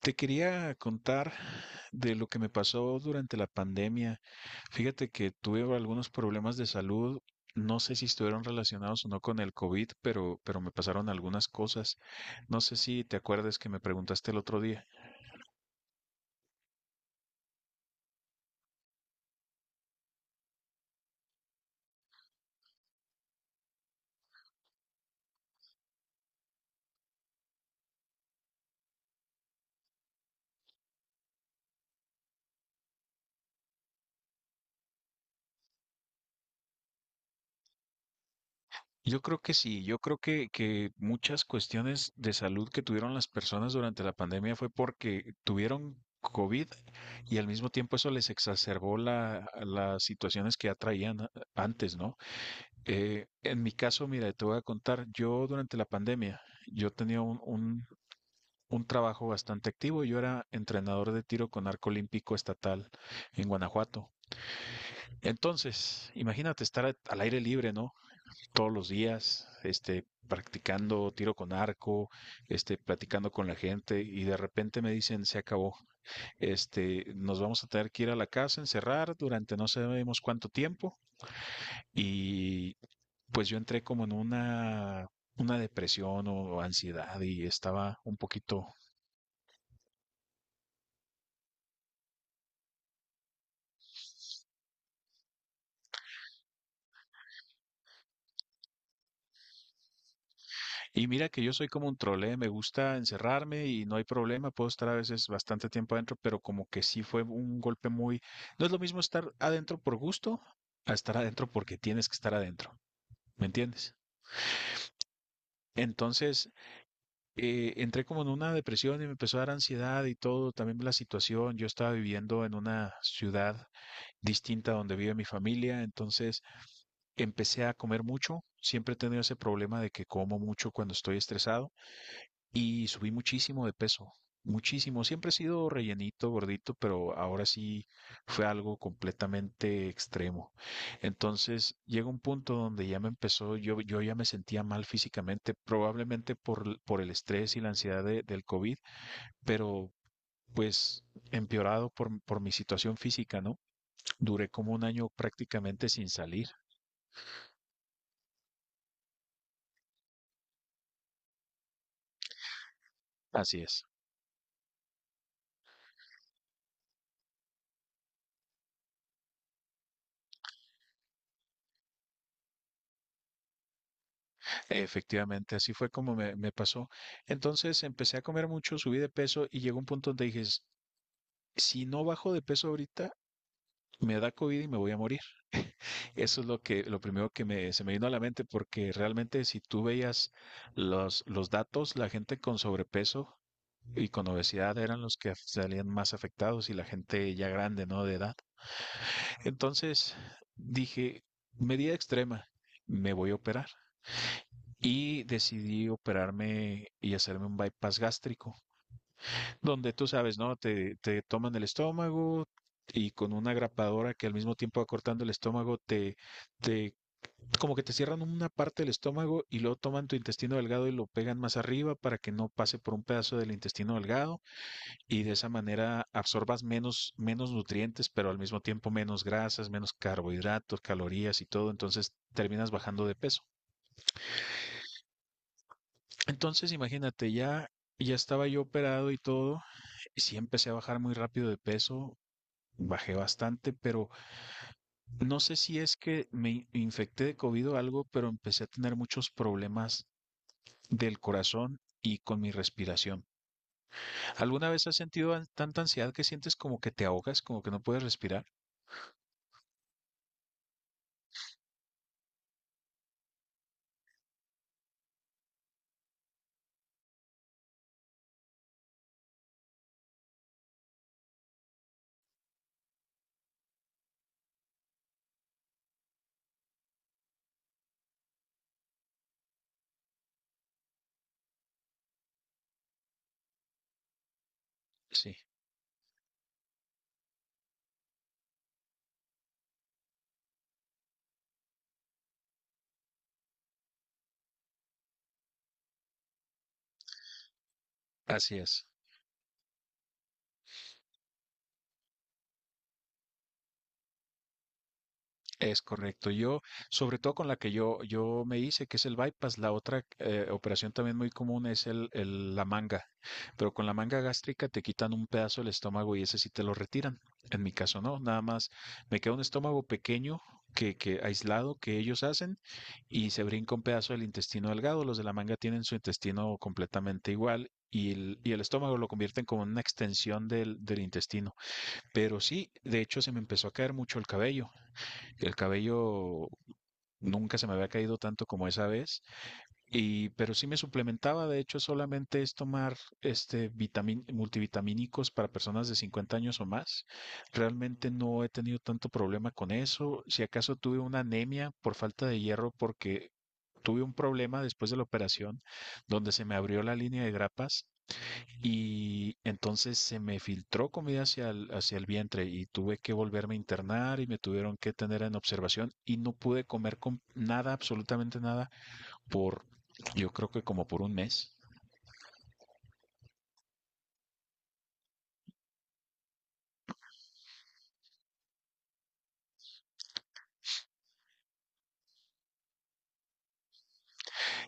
Te quería contar de lo que me pasó durante la pandemia. Fíjate que tuve algunos problemas de salud. No sé si estuvieron relacionados o no con el COVID, pero me pasaron algunas cosas. No sé si te acuerdas que me preguntaste el otro día. Yo creo que sí, yo creo que muchas cuestiones de salud que tuvieron las personas durante la pandemia fue porque tuvieron COVID y al mismo tiempo eso les exacerbó las situaciones que ya traían antes, ¿no? En mi caso, mira, te voy a contar, yo durante la pandemia, yo tenía un trabajo bastante activo, yo era entrenador de tiro con arco olímpico estatal en Guanajuato. Entonces, imagínate estar al aire libre, ¿no? Todos los días, este, practicando tiro con arco, este, platicando con la gente y de repente me dicen, se acabó, este, nos vamos a tener que ir a la casa, encerrar durante no sabemos cuánto tiempo y pues yo entré como en una depresión o ansiedad y estaba un poquito. Y mira que yo soy como un trole, me gusta encerrarme y no hay problema, puedo estar a veces bastante tiempo adentro, pero como que sí fue un golpe muy. No es lo mismo estar adentro por gusto a estar adentro porque tienes que estar adentro, ¿me entiendes? Entonces, entré como en una depresión y me empezó a dar ansiedad y todo, también la situación, yo estaba viviendo en una ciudad distinta a donde vive mi familia, entonces empecé a comer mucho, siempre he tenido ese problema de que como mucho cuando estoy estresado y subí muchísimo de peso, muchísimo. Siempre he sido rellenito, gordito, pero ahora sí fue algo completamente extremo. Entonces llega un punto donde ya me empezó, yo ya me sentía mal físicamente, probablemente por, por el estrés y la ansiedad del COVID, pero pues empeorado por mi situación física, ¿no? Duré como un año prácticamente sin salir. Así es. Efectivamente, así fue como me pasó. Entonces empecé a comer mucho, subí de peso y llegó un punto donde dije, Si no bajo de peso ahorita, me da COVID y me voy a morir. Eso es lo que, lo primero que se me vino a la mente, porque realmente si tú veías los datos, la gente con sobrepeso y con obesidad eran los que salían más afectados y la gente ya grande, ¿no? De edad. Entonces dije, medida extrema, me voy a operar. Y decidí operarme y hacerme un bypass gástrico, donde tú sabes, ¿no? Te toman el estómago y con una grapadora que al mismo tiempo va cortando el estómago, te, como que te cierran una parte del estómago y luego toman tu intestino delgado y lo pegan más arriba para que no pase por un pedazo del intestino delgado y de esa manera absorbas menos, menos nutrientes, pero al mismo tiempo menos grasas, menos carbohidratos, calorías y todo, entonces terminas bajando de peso. Entonces, imagínate, ya estaba yo operado y todo, y sí empecé a bajar muy rápido de peso, bajé bastante, pero no sé si es que me infecté de COVID o algo, pero empecé a tener muchos problemas del corazón y con mi respiración. ¿Alguna vez has sentido tanta ansiedad que sientes como que te ahogas, como que no puedes respirar? Sí, así es. Es correcto. Yo, sobre todo con la que yo me hice, que es el bypass, la otra operación también muy común es la manga, pero con la manga gástrica te quitan un pedazo del estómago y ese sí te lo retiran. En mi caso no, nada más me queda un estómago pequeño que aislado que ellos hacen y se brinca un pedazo del intestino delgado. Los de la manga tienen su intestino completamente igual. Y el estómago lo convierten como en una extensión del intestino. Pero sí, de hecho se me empezó a caer mucho el cabello. El cabello nunca se me había caído tanto como esa vez, y, pero sí me suplementaba, de hecho solamente es tomar multivitamínicos para personas de 50 años o más. Realmente no he tenido tanto problema con eso. Si acaso tuve una anemia por falta de hierro porque tuve un problema después de la operación donde se me abrió la línea de grapas y entonces se me filtró comida hacia hacia el vientre y tuve que volverme a internar y me tuvieron que tener en observación y no pude comer con nada, absolutamente nada, por yo creo que como por un mes.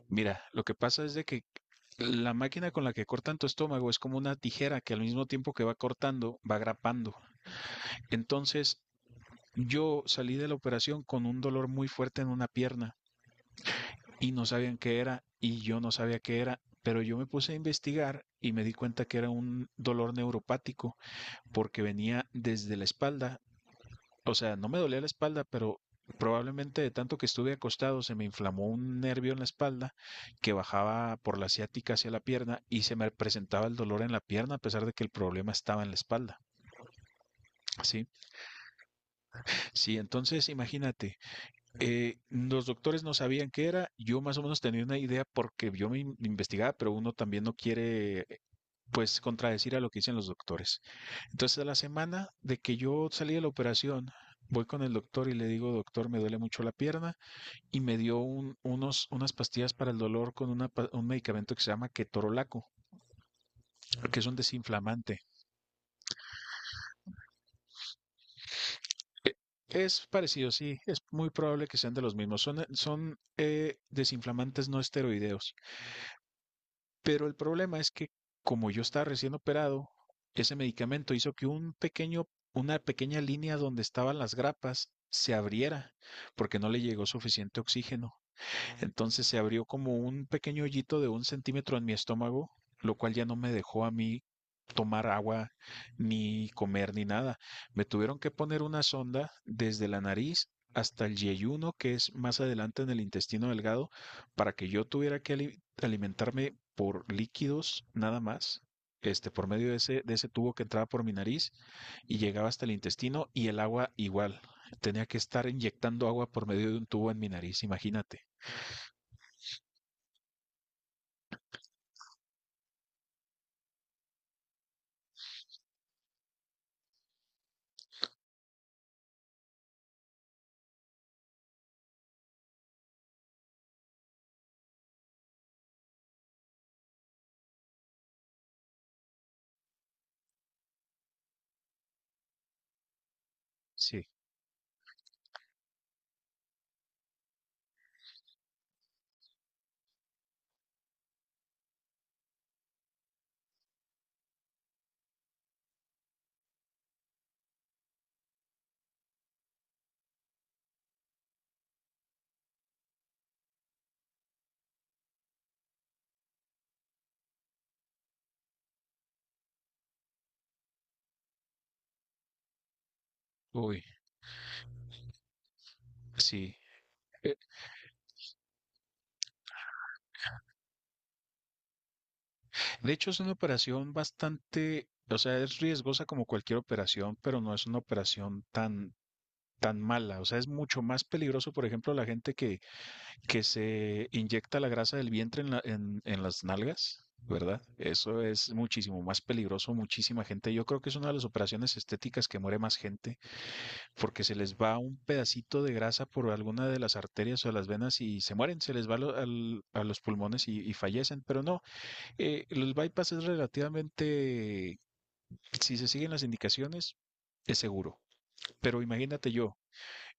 Mira, lo que pasa es de que la máquina con la que cortan tu estómago es como una tijera que al mismo tiempo que va cortando, va grapando. Entonces, yo salí de la operación con un dolor muy fuerte en una pierna y no sabían qué era y yo no sabía qué era, pero yo me puse a investigar y me di cuenta que era un dolor neuropático porque venía desde la espalda, o sea, no me dolía la espalda, pero probablemente de tanto que estuve acostado se me inflamó un nervio en la espalda que bajaba por la ciática hacia la pierna y se me presentaba el dolor en la pierna a pesar de que el problema estaba en la espalda. Sí, sí, entonces imagínate. Los doctores no sabían qué era, yo más o menos tenía una idea porque yo me investigaba, pero uno también no quiere, pues, contradecir a lo que dicen los doctores. Entonces, a la semana de que yo salí de la operación, voy con el doctor y le digo, doctor, me duele mucho la pierna, y me dio unas pastillas para el dolor con una un medicamento que se llama ketorolaco, que es un desinflamante. Es parecido, sí, es muy probable que sean de los mismos. Son desinflamantes no esteroideos. Pero el problema es que como yo estaba recién operado, ese medicamento hizo que una pequeña línea donde estaban las grapas se abriera porque no le llegó suficiente oxígeno. Entonces se abrió como un pequeño hoyito de un centímetro en mi estómago, lo cual ya no me dejó a mí tomar agua, ni comer, ni nada. Me tuvieron que poner una sonda desde la nariz hasta el yeyuno, que es más adelante en el intestino delgado, para que yo tuviera que alimentarme por líquidos nada más, este, por medio de ese tubo que entraba por mi nariz y llegaba hasta el intestino y el agua igual. Tenía que estar inyectando agua por medio de un tubo en mi nariz, imagínate. Sí, uy, sí. Eh, De hecho, es una operación bastante, o sea, es riesgosa como cualquier operación, pero no es una operación tan mala. O sea, es mucho más peligroso, por ejemplo, la gente que se inyecta la grasa del vientre en en las nalgas, ¿verdad? Eso es muchísimo más peligroso, muchísima gente. Yo creo que es una de las operaciones estéticas que muere más gente, porque se les va un pedacito de grasa por alguna de las arterias o las venas y se mueren, se les va a los pulmones y fallecen, pero no. Los bypass es relativamente, si se siguen las indicaciones, es seguro. Pero imagínate yo,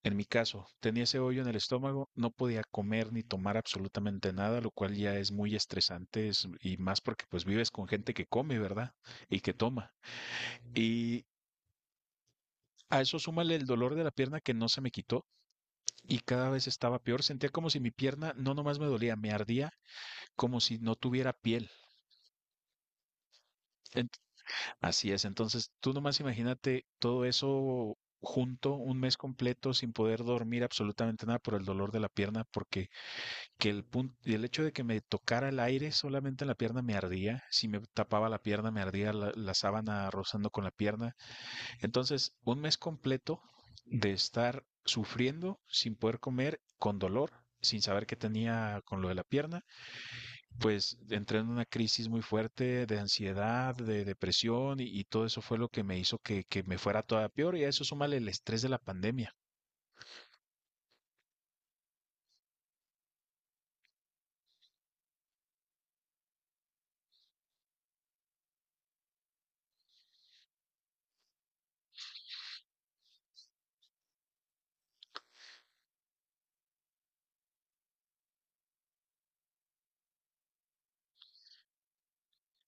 en mi caso, tenía ese hoyo en el estómago, no podía comer ni tomar absolutamente nada, lo cual ya es muy estresante y más porque pues vives con gente que come, ¿verdad? Y que toma. Y a eso súmale el dolor de la pierna que no se me quitó y cada vez estaba peor. Sentía como si mi pierna no nomás me dolía, me ardía como si no tuviera piel. Así es, entonces tú nomás imagínate todo eso junto un mes completo sin poder dormir absolutamente nada por el dolor de la pierna, porque que el punto, el hecho de que me tocara el aire solamente en la pierna me ardía, si me tapaba la pierna me ardía la sábana rozando con la pierna. Entonces, un mes completo de estar sufriendo sin poder comer, con dolor, sin saber qué tenía con lo de la pierna pues entré en una crisis muy fuerte de ansiedad, de depresión y todo eso fue lo que me hizo que me fuera todavía peor y a eso súmale el estrés de la pandemia.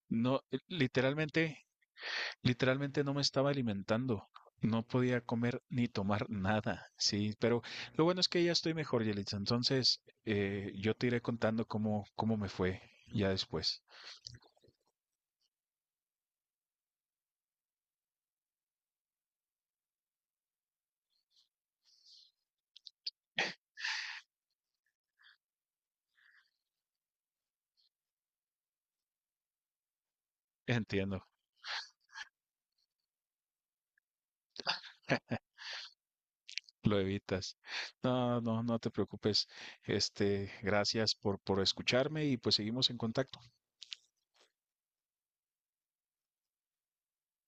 No, literalmente no me estaba alimentando. No podía comer ni tomar nada, sí, pero lo bueno es que ya estoy mejor, Yelitza. Entonces, yo te iré contando cómo me fue ya después. Entiendo, lo evitas. No, no, no te preocupes. Este, gracias por escucharme y pues seguimos en contacto.